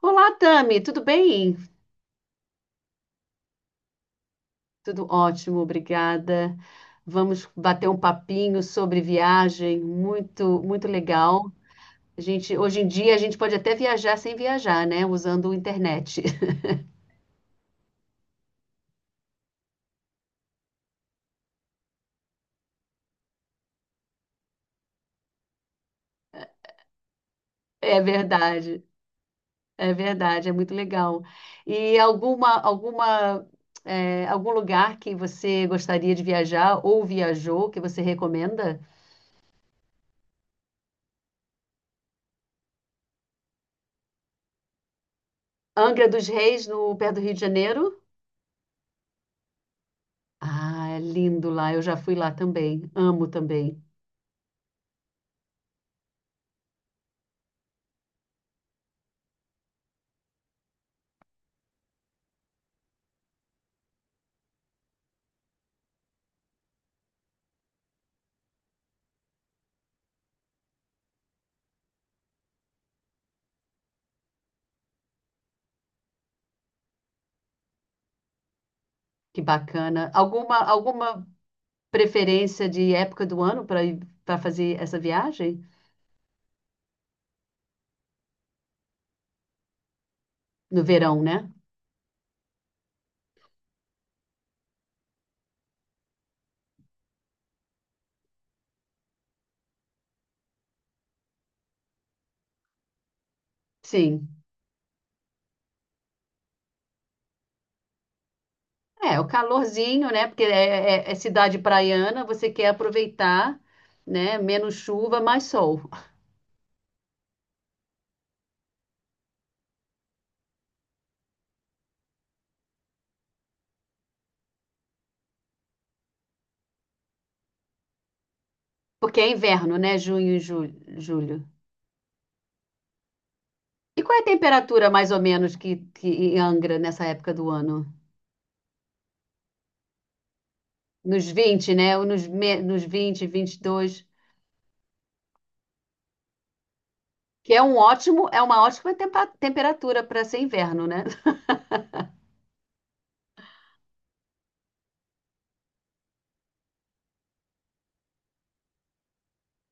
Olá, Tami, tudo bem? Tudo ótimo, obrigada. Vamos bater um papinho sobre viagem, muito, muito legal. Hoje em dia a gente pode até viajar sem viajar, né? Usando a internet. É verdade, é verdade, é muito legal. E algum lugar que você gostaria de viajar ou viajou que você recomenda? Angra dos Reis, no pé do Rio de Janeiro? Ah, é lindo lá. Eu já fui lá também. Amo também. Que bacana. Alguma preferência de época do ano para fazer essa viagem? No verão, né? Sim. É, o calorzinho, né? Porque é cidade praiana, você quer aproveitar, né? Menos chuva, mais sol. Porque é inverno, né? Junho e julho. E qual é a temperatura, mais ou menos, que em Angra nessa época do ano? Nos 20, né? Ou nos vinte, vinte e dois. Que é um ótimo, é uma ótima temperatura para ser inverno, né?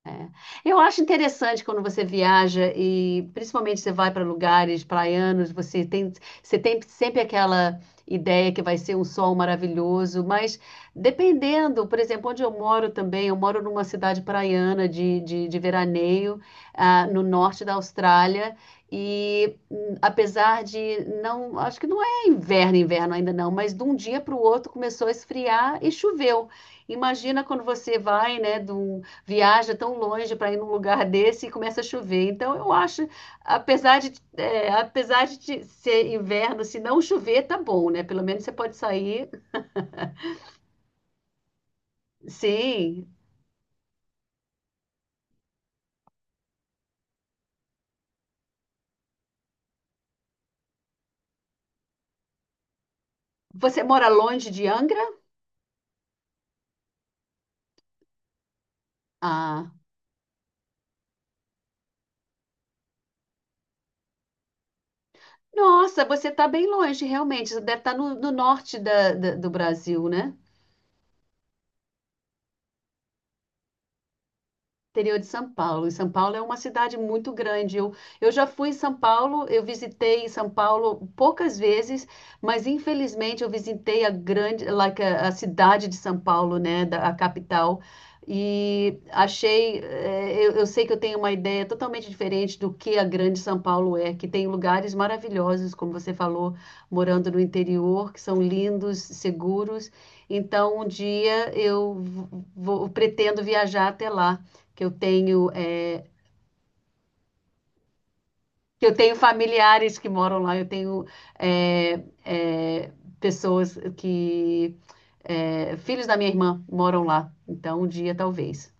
É. Eu acho interessante quando você viaja e principalmente você vai para lugares praianos, você tem sempre aquela ideia que vai ser um sol maravilhoso, mas dependendo, por exemplo, onde eu moro também, eu moro numa cidade praiana de veraneio, no norte da Austrália, e apesar de não, acho que não é inverno, inverno ainda não, mas de um dia para o outro começou a esfriar e choveu. Imagina quando você vai, né, de um viaja tão longe para ir num lugar desse e começa a chover. Então, eu acho, apesar de ser inverno, se não chover, tá bom, né? Pelo menos você pode sair. Sim. Você mora longe de Angra? Ah, nossa, você tá bem longe, realmente. Você deve estar no norte do Brasil, né? Interior de São Paulo. E São Paulo é uma cidade muito grande. Eu já fui em São Paulo, eu visitei São Paulo poucas vezes, mas infelizmente eu visitei a grande, like, a cidade de São Paulo, né, a capital. E achei, eu sei que eu tenho uma ideia totalmente diferente do que a grande São Paulo é, que tem lugares maravilhosos, como você falou, morando no interior, que são lindos, seguros. Então, um dia eu vou, pretendo viajar até lá que eu tenho, é, que eu tenho familiares que moram lá, eu tenho é, é, pessoas filhos da minha irmã moram lá, então um dia talvez.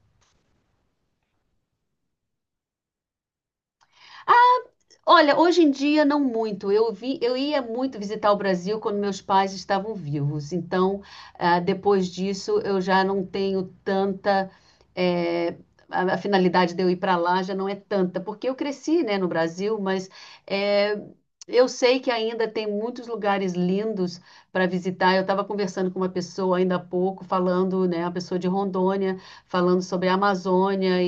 Olha, hoje em dia não muito. Eu vi, eu ia muito visitar o Brasil quando meus pais estavam vivos. Então, depois disso, eu já não tenho eh, a finalidade de eu ir para lá já não é tanta, porque eu cresci, né, no Brasil, mas eh, eu sei que ainda tem muitos lugares lindos para visitar. Eu estava conversando com uma pessoa ainda há pouco, falando, né, uma pessoa de Rondônia, falando sobre a Amazônia.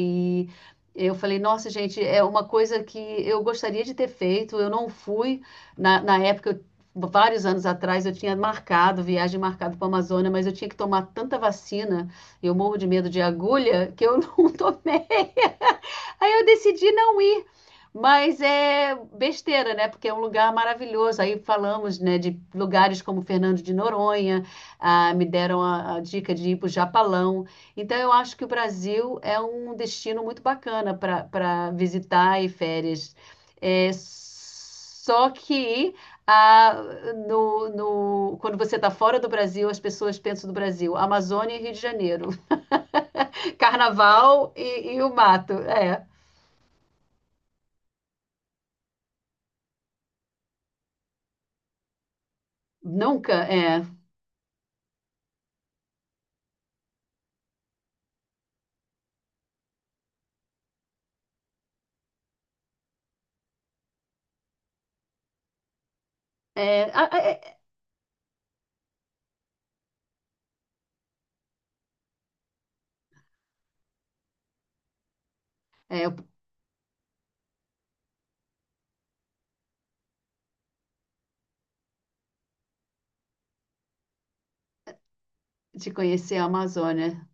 Eu falei, nossa, gente, é uma coisa que eu gostaria de ter feito, eu não fui. Na época, vários anos atrás, eu tinha marcado, viagem marcada para a Amazônia, mas eu tinha que tomar tanta vacina, eu morro de medo de agulha, que eu não tomei. Aí eu decidi não ir. Mas é besteira, né? Porque é um lugar maravilhoso. Aí falamos, né, de lugares como Fernando de Noronha, me deram a dica de ir para o Japalão. Então, eu acho que o Brasil é um destino muito bacana para visitar e férias. É, só que ah, no, quando você está fora do Brasil, as pessoas pensam do Brasil, Amazônia e Rio de Janeiro, Carnaval e o mato. É, nunca, é. É, é, de conhecer a Amazônia.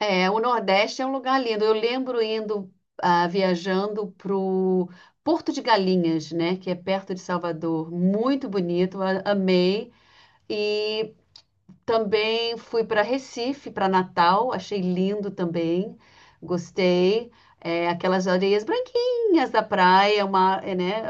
É, o Nordeste é um lugar lindo. Eu lembro viajando pro Porto de Galinhas, né, que é perto de Salvador. Muito bonito, amei. E também fui para Recife, para Natal, achei lindo também, gostei. É, aquelas areias branquinhas da praia, uma, é, né?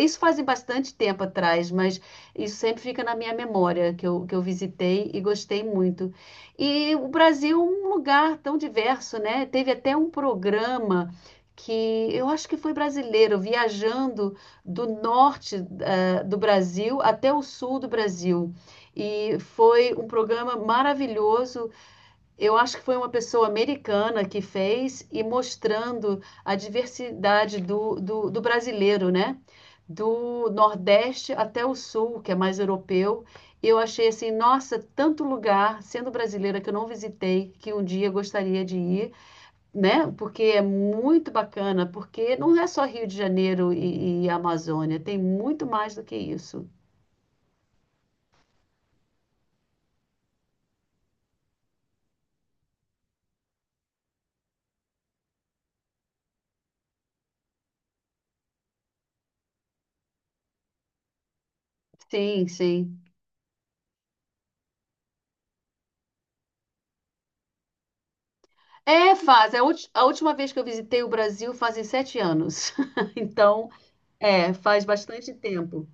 Isso fazem bastante tempo atrás, mas isso sempre fica na minha memória, que eu visitei e gostei muito. E o Brasil é um lugar tão diverso, né? Teve até um programa que eu acho que foi brasileiro, viajando do norte, do Brasil até o sul do Brasil. E foi um programa maravilhoso. Eu acho que foi uma pessoa americana que fez e mostrando a diversidade do brasileiro, né? Do Nordeste até o Sul, que é mais europeu. Eu achei assim, nossa, tanto lugar, sendo brasileira, que eu não visitei, que um dia eu gostaria de ir, né? Porque é muito bacana, porque não é só Rio de Janeiro e Amazônia, tem muito mais do que isso. Sim, sim. É, faz. A última vez que eu visitei o Brasil fazem 7 anos. Então, faz bastante tempo.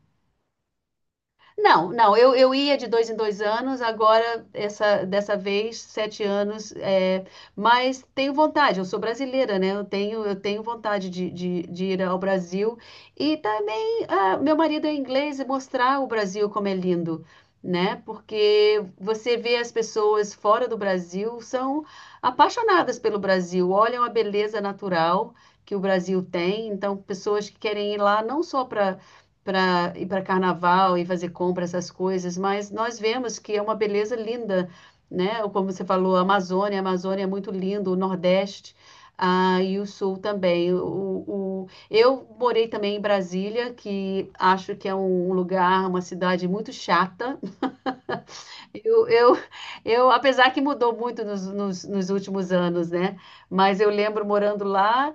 Não, não, eu ia de 2 em 2 anos, agora, dessa vez, 7 anos, é, mas tenho vontade, eu sou brasileira, né? Eu tenho vontade de ir ao Brasil e também, meu marido é inglês e mostrar o Brasil como é lindo, né? Porque você vê as pessoas fora do Brasil, são apaixonadas pelo Brasil, olham a beleza natural que o Brasil tem, então pessoas que querem ir lá não só para ir para carnaval e fazer compra, essas coisas, mas nós vemos que é uma beleza linda, né? Como você falou, a Amazônia é muito lindo, o Nordeste. Ah, e o Sul também. Eu morei também em Brasília, que acho que é um lugar, uma cidade muito chata, eu, eu, apesar que mudou muito nos últimos anos, né? Mas eu lembro morando lá,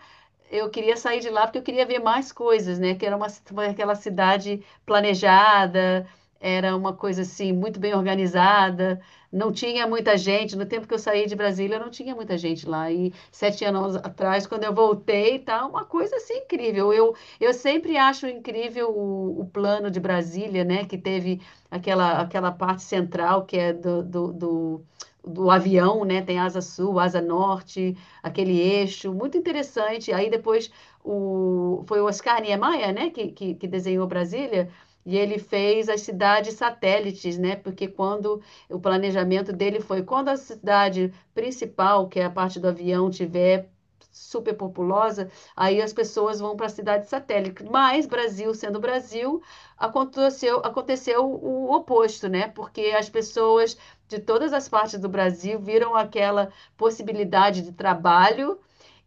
eu queria sair de lá porque eu queria ver mais coisas, né? Que era aquela cidade planejada, era uma coisa assim, muito bem organizada, não tinha muita gente. No tempo que eu saí de Brasília, não tinha muita gente lá. E 7 anos atrás, quando eu voltei, tá uma coisa assim incrível. Eu sempre acho incrível o plano de Brasília, né? Que teve aquela parte central que é do avião, né? Tem asa sul, asa norte, aquele eixo, muito interessante. Aí depois foi o Oscar Niemeyer, né? Que desenhou Brasília. E ele fez as cidades satélites, né? Porque quando o planejamento dele foi quando a cidade principal, que é a parte do avião, tiver superpopulosa, aí as pessoas vão para a cidade satélite. Mas Brasil sendo Brasil, aconteceu o oposto, né? Porque as pessoas de todas as partes do Brasil viram aquela possibilidade de trabalho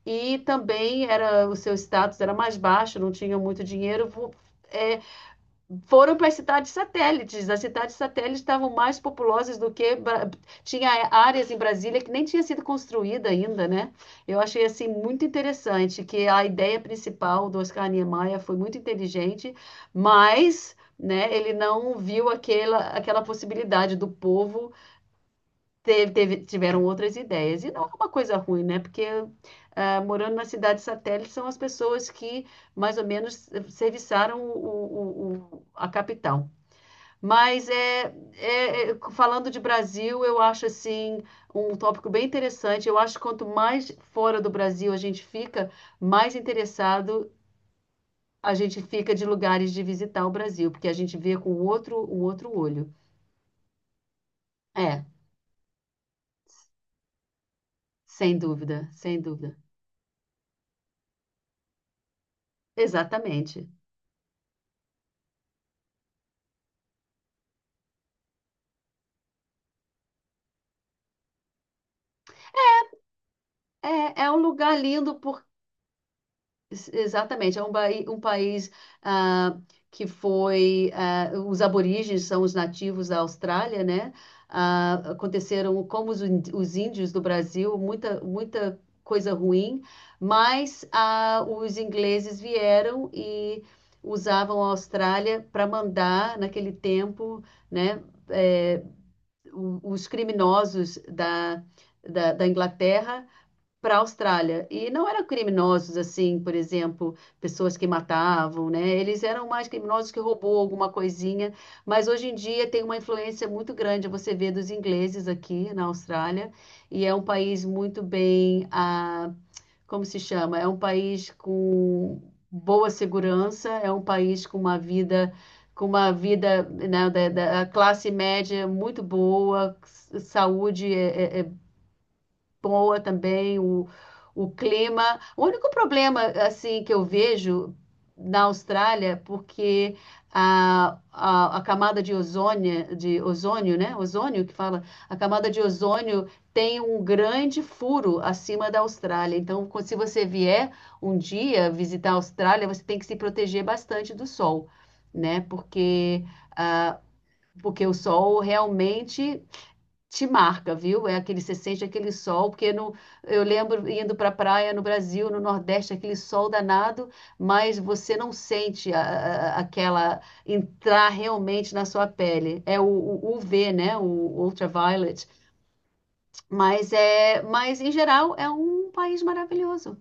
e também era o seu status era mais baixo, não tinham muito dinheiro, eh, foram para as cidades satélites. As cidades satélites estavam mais populosas do que tinha áreas em Brasília que nem tinha sido construída ainda, né? Eu achei assim muito interessante que a ideia principal do Oscar Niemeyer foi muito inteligente, mas né, ele não viu aquela possibilidade do povo tiveram outras ideias. E não é uma coisa ruim, né? Porque morando na cidade satélite são as pessoas que mais ou menos serviçaram a capital. Mas falando de Brasil, eu acho assim um tópico bem interessante. Eu acho que quanto mais fora do Brasil a gente fica, mais interessado a gente fica de lugares de visitar o Brasil, porque a gente vê com outro, um outro olho. É, sem dúvida, sem dúvida. Exatamente. É, é um lugar lindo Exatamente, é um país ah, que foi. Os aborígenes são os nativos da Austrália, né? Ah, aconteceram, como os índios do Brasil, muita, muita coisa ruim, mas os ingleses vieram e usavam a Austrália para mandar, naquele tempo, né? eh, os criminosos da Inglaterra para a Austrália. E não eram criminosos assim, por exemplo, pessoas que matavam, né? Eles eram mais criminosos que roubou alguma coisinha, mas hoje em dia tem uma influência muito grande, você vê dos ingleses aqui na Austrália, e é um país muito bem, como se chama? É um país com boa segurança, é um país com uma vida, né, da classe média muito boa, saúde é boa também, o clima. O único problema, assim, que eu vejo na Austrália, porque a camada de ozônio, né? Ozônio que fala, a camada de ozônio tem um grande furo acima da Austrália. Então, se você vier um dia visitar a Austrália, você tem que se proteger bastante do sol, né? Porque o sol realmente te marca, viu? É aquele, você sente aquele sol, porque no, eu lembro indo para a praia no Brasil, no Nordeste, aquele sol danado, mas você não sente aquela entrar realmente na sua pele. É o UV, né? O ultraviolet. Mas mas em geral é um país maravilhoso.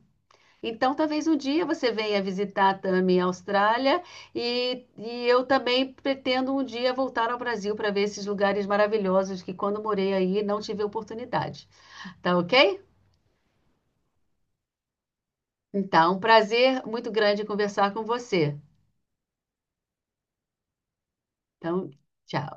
Então, talvez um dia você venha visitar também a Austrália e eu também pretendo um dia voltar ao Brasil para ver esses lugares maravilhosos que quando morei aí não tive oportunidade. Tá ok? Então, um prazer muito grande conversar com você. Então, tchau.